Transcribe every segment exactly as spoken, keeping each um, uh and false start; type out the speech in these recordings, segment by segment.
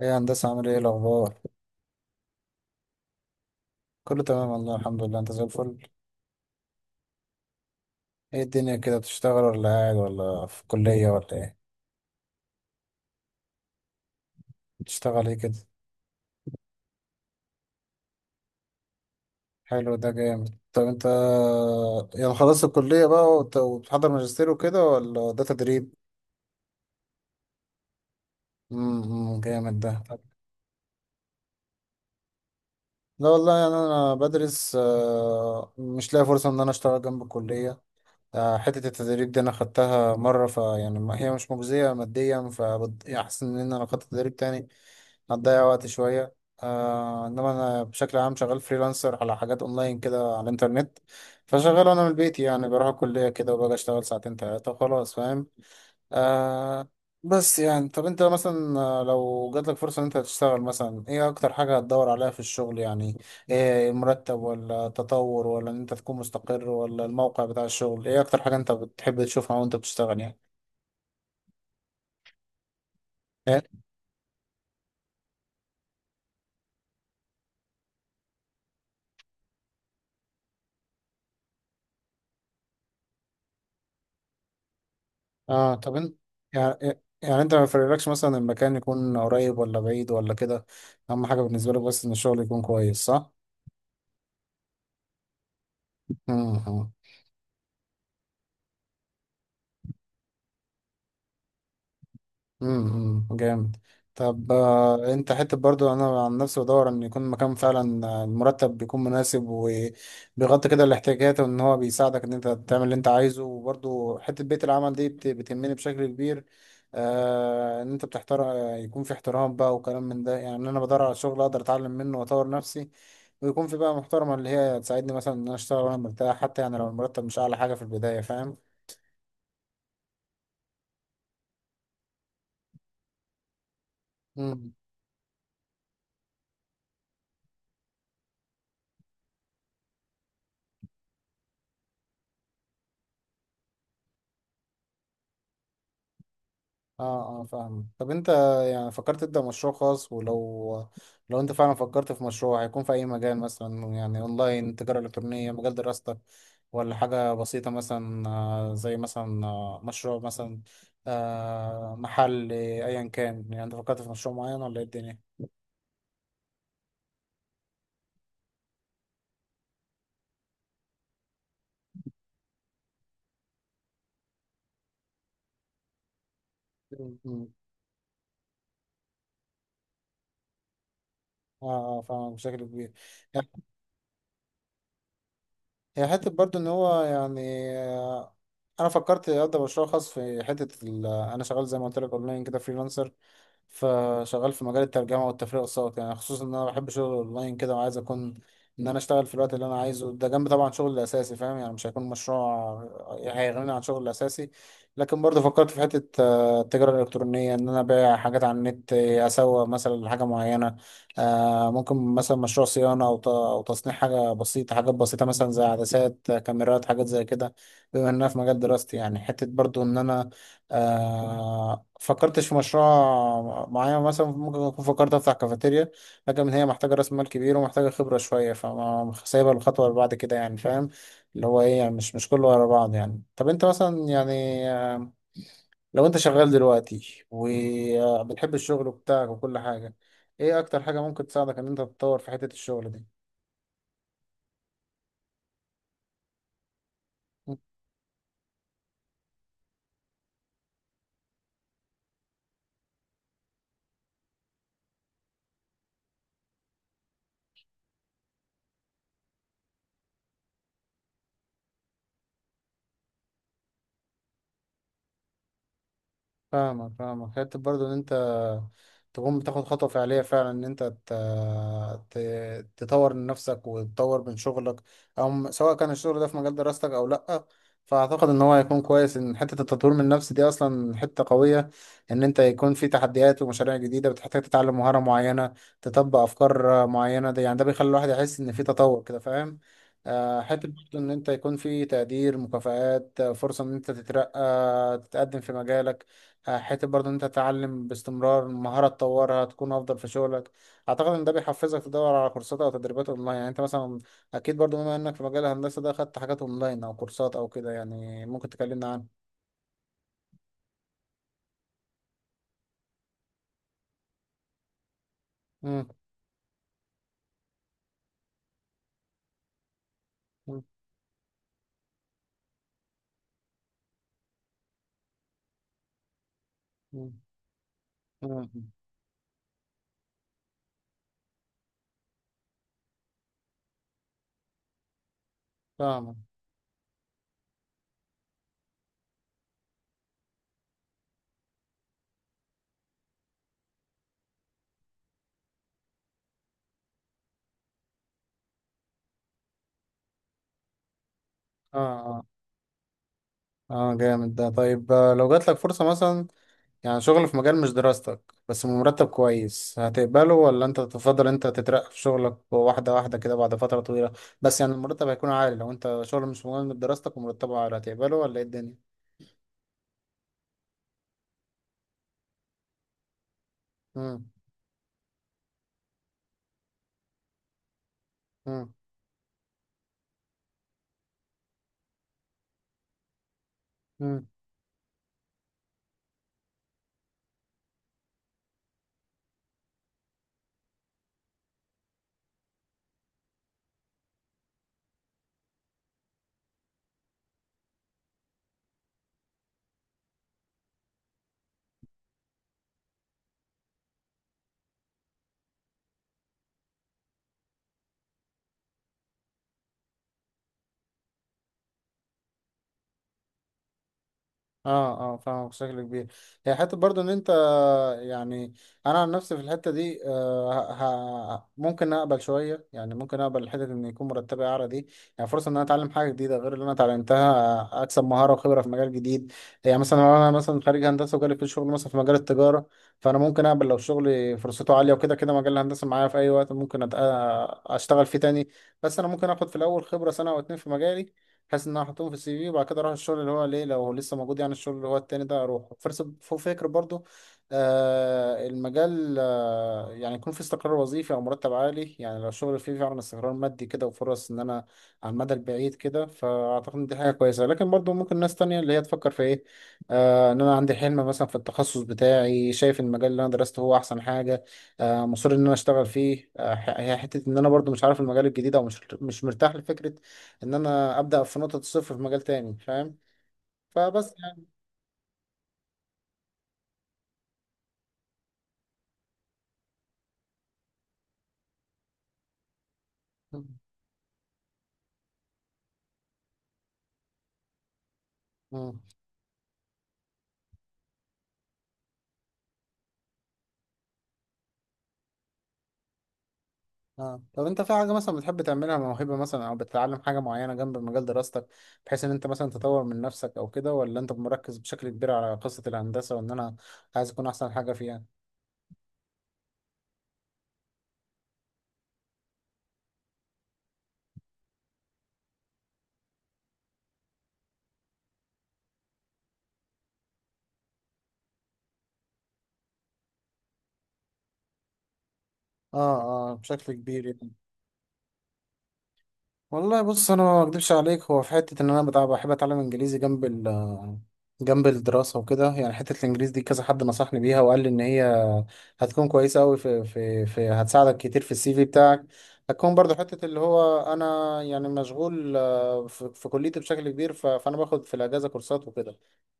ايه يا هندسة، عامل ايه الأخبار؟ كله تمام والله، الحمد لله، انت زي الفل. ايه الدنيا كده، بتشتغل ولا قاعد ولا في كلية ولا ايه؟ بتشتغل ايه كده؟ حلو، ده جامد. طب انت يعني خلصت الكلية بقى وت- وبتحضر ماجستير وكده، ولا ده تدريب؟ امم جامد ده. لا والله، يعني انا بدرس، آه، مش لاقي فرصة ان انا اشتغل جنب الكلية. آه، حتة التدريب دي أنا خدتها مرة، فيعني ما- هي مش مجزية ماديا، فأحسن إن أنا لو خدت تدريب تاني هتضيع وقت شوية. آه إنما أنا بشكل عام شغال فريلانسر على حاجات أونلاين كده، على الإنترنت. فشغال أنا من البيت، يعني بروح الكلية كده وباجي أشتغل ساعتين تلاتة وخلاص، فاهم. آه بس يعني، طب انت مثلا، آه، لو جاتلك فرصة ان انت تشتغل، مثلا ايه اكتر حاجة هتدور عليها في الشغل يعني؟ ايه، المرتب ولا التطور، ولا ان انت تكون مستقر، ولا الموقع بتاع الشغل؟ ايه اكتر حاجة انت بتحب تشوفها وانت بتشتغل يعني؟ إيه؟ اه، طب انت يعني إيه، يعني انت ما يفرقلكش مثلا المكان يكون قريب ولا بعيد ولا كده، اهم حاجة بالنسبة لك بس ان الشغل يكون كويس، صح؟ مم. امم جامد. طب، آه، انت حته برضو انا عن نفسي بدور ان يكون مكان فعلا، آه، المرتب بيكون مناسب وبيغطي كده الاحتياجات، وان هو بيساعدك ان انت تعمل اللي انت عايزه، وبرضو حته بيت العمل دي بت- بتهمني بشكل كبير. آه ان انت بتحترم آه، يكون في احترام بقى، وكلام من ده، يعني انا بدور على شغل اقدر اتعلم منه واطور نفسي، ويكون في بقى محترمه اللي هي تساعدني، مثلا ان انا اشتغل وانا مرتاح، حتى يعني لو المرتب مش اعلى حاجه في البدايه، فاهم. اه اه، فاهم. طب انت يعني فكرت تبدأ مشروع خاص؟ ولو لو انت فعلا فكرت في مشروع، هيكون في اي مجال مثلا؟ يعني اونلاين، تجارة الكترونية، مجال دراستك، ولا حاجة بسيطة مثلا، آه، زي مثلا، آه، مشروع مثلا، آه، محل، آه، ايا كان. يعني انت فكرت في مشروع معين ولا ايه الدنيا؟ مم. اه اه، فاهم بشكل كبير. هي حتة برضو ان هو يعني، آه، انا فكرت ابدا مشروع خاص في حتة ال- انا شغال زي ما قلت لك اونلاين كده، فريلانسر. فشغال في مجال الترجمة والتفريغ الصوتي، يعني خصوصا ان انا بحب شغل اونلاين كده، وعايز اكون ان انا اشتغل في الوقت اللي انا عايزه ده، جنب طبعا شغل الاساسي، فاهم، يعني مش هيكون مشروع هيغنيني عن شغل الاساسي. لكن برضه فكرت في حتة آه، التجارة الالكترونية، ان انا ابيع حاجات على النت، آه، اسوق مثلا لحاجة معينة، آه، ممكن مثلا مشروع صيانة، أو ت- أو تصنيع حاجة بسيطة، حاجات بسيطة مثلا زي عدسات، آه، كاميرات، حاجات زي كده، بما إنها في مجال دراستي. يعني حتة برضو إن أنا، آه، فكرتش في مشروع معين، مثلا ممكن أكون فكرت أفتح كافيتيريا، لكن هي محتاجة رأس مال كبير، ومحتاجة خبرة شوية، فما سايبها الخطوة اللي بعد كده، يعني فاهم، اللي هو إيه يعني، مش مش كله ورا بعض، يعني. طب أنت مثلا، يعني، آه، لو انت شغال دلوقتي وبتحب الشغل بتاعك وكل حاجة، ايه اكتر حاجة ممكن تساعدك ان انت تتطور في حتة الشغل دي؟ فاهمك فاهمك، حتة برضو ان انت تقوم بتاخد خطوة فعلية فعلا، ان انت ت... ت... تطور من نفسك وتطور من شغلك، او سواء كان الشغل ده في مجال دراستك او لأ. فاعتقد ان هو هيكون كويس ان حتة التطوير من النفس دي اصلا حتة قوية، ان انت يكون في تحديات ومشاريع جديدة بتحتاج تتعلم مهارة معينة، تطبق افكار معينة، ده يعني ده بيخلي الواحد يحس ان في تطور كده، فاهم. آه، حتة برضو ان انت يكون في تقدير، مكافآت، فرصة ان انت تترقى، تتقدم في مجالك. آه، حته برضه إن انت تتعلم باستمرار مهاره تطورها تكون افضل في شغلك. اعتقد ان ده بيحفزك تدور على كورسات او تدريبات اونلاين. يعني انت مثلا، اكيد برضه بما انك في مجال الهندسه ده، خدت حاجات اونلاين او كورسات او كده، يعني ممكن تكلمنا عنها. مم، مم، مم، مم. فاهمك. اه اه اه، جامد ده. طيب آه، لو جات لك فرصه مثلا، يعني شغل في مجال مش دراستك بس بمرتب كويس، هتقبله؟ ولا انت تفضل انت تترقى في شغلك، واحدة واحدة كده بعد فترة طويلة، بس يعني المرتب هيكون عالي؟ لو انت شغل مش مهم بدراستك ومرتبه عالي، هتقبله ولا ايه الدنيا؟ مم. مم. مم. اه اه، فاهمك بشكل كبير. هي حته برضو ان انت يعني، انا عن نفسي في الحته دي، آه ه... ه- ممكن اقبل شويه، يعني ممكن اقبل الحته ان يكون مرتبي اعلى دي، يعني فرصه ان انا اتعلم حاجه جديده غير اللي انا اتعلمتها، اكسب مهاره وخبره في مجال جديد. يعني مثلا لو انا مثلا خريج هندسه وجالي في شغل مثلا في مجال التجاره، فانا ممكن اقبل لو شغلي فرصته عاليه، وكده كده مجال الهندسه معايا في اي وقت، ممكن أت... آه، اشتغل فيه تاني. بس انا ممكن اخد في الاول خبره سنه او اتنين في مجالي، بحيث ان انا احطهم في السي في، وبعد كده اروح الشغل اللي هو ليه، لو هو لسه موجود، يعني الشغل اللي هو التاني ده، اروح فرص فوق فكر برضو. آه المجال، آه يعني يكون في استقرار وظيفي او مرتب عالي، يعني لو الشغل فيه فعلا استقرار مادي كده، وفرص ان انا على المدى البعيد كده، فاعتقد ان دي حاجه كويسه. لكن برضو ممكن ناس تانية اللي هي تفكر في ايه، آه ان انا عندي حلم مثلا في التخصص بتاعي، شايف المجال اللي انا درسته هو احسن حاجه، آه مصر ان انا اشتغل فيه، آه ح- هي حته ان انا برضو مش عارف المجال الجديد، او مش مش مرتاح لفكره ان انا ابدا في نقطه الصفر في مجال تاني، فاهم. فبس يعني. مم. آه. طب انت في حاجه مثلا بتحب تعملها، موهبه مثلا، او بتتعلم حاجه معينه جنب مجال دراستك، بحيث ان انت مثلا تطور من نفسك او كده، ولا انت مركز بشكل كبير على قصه الهندسه، وان انا عايز اكون احسن حاجه فيها؟ اه اه، بشكل كبير. والله بص، انا ما اكدبش عليك، هو في حته ان انا بتاع بحب اتعلم انجليزي جنب ال جنب الدراسه وكده. يعني حته الانجليزي دي كذا حد نصحني بيها، وقال لي ان هي هتكون كويسه قوي في، في في هتساعدك كتير في السي في بتاعك. هتكون برضو حته اللي هو انا يعني مشغول، آه، في, في كليتي بشكل كبير، ف- فانا باخد في الاجازه كورسات وكده.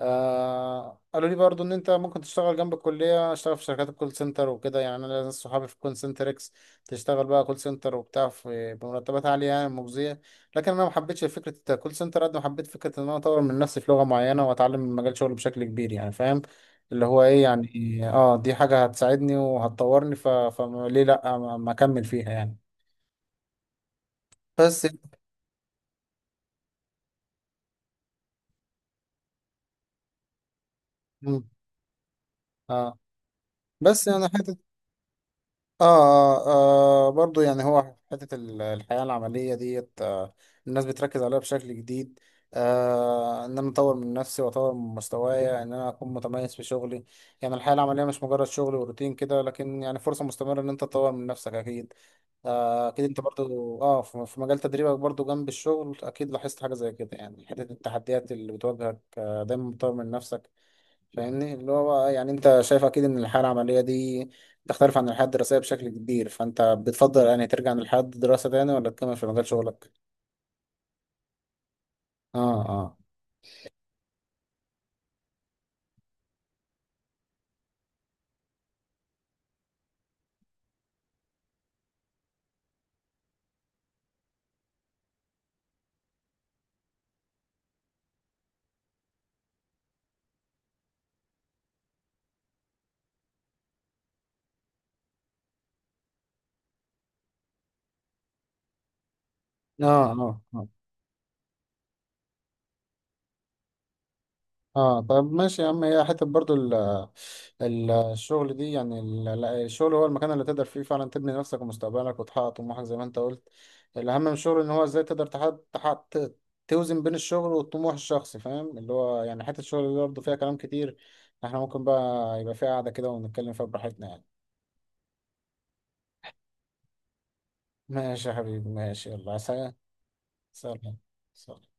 آه قالوا لي برضو ان انت ممكن تشتغل جنب الكليه، اشتغل في شركات الكول سنتر وكده. يعني انا ناس صحابي في كول سنتر اكس، تشتغل بقى كول سنتر وبتاع، في بمرتبات عاليه يعني مجزيه. لكن انا ما حبيتش فكره الكول سنتر، قد ما حبيت فكره ان انا اطور من نفسي في لغه معينه، واتعلم من مجال شغلي بشكل كبير، يعني فاهم، اللي هو ايه يعني، اه دي حاجه هتساعدني وهتطورني، ف... فليه لا ما ما اكمل فيها، يعني. بس يعني، مم. اه بس يعني حته، آه, آه برضو يعني، هو في حتة ال- الحياة العملية ديت، آه الناس بتركز عليها بشكل جديد، آه إن أنا أطور من نفسي وأطور من مستوايا، إن أنا أكون متميز في شغلي. يعني الحياة العملية مش مجرد شغل وروتين كده، لكن يعني فرصة مستمرة إن أنت تطور من نفسك، أكيد. آه أكيد أنت برضو، آه في في مجال تدريبك برضو، جنب الشغل، أكيد لاحظت حاجة زي كده. يعني حتة التحديات اللي بتواجهك آه دايما بتطور من نفسك. فاهمني، اللي هو بقى يعني انت شايف اكيد ان الحياه العمليه دي تختلف عن الحياه الدراسيه بشكل كبير. فانت بتفضل يعني ترجع للحياه الدراسه تاني، ولا تكمل في مجال شغلك؟ اه اه اه اه اه، طب ماشي يا عم. هي حته برضو ال ال الشغل دي، يعني ال- ال- الشغل هو المكان اللي تقدر فيه فعلا تبني نفسك ومستقبلك، وتحقق طموحك، زي ما انت قلت. الاهم من الشغل ان هو ازاي تقدر تحقق تحقق ت- توزن بين الشغل والطموح الشخصي، فاهم، اللي هو يعني حته الشغل دي برضه فيها كلام كتير. احنا ممكن بقى يبقى فيها قعده كده، ونتكلم فيها براحتنا، يعني. ماشي يا حبيبي، ماشي، يلا سلام. سلام. سلام.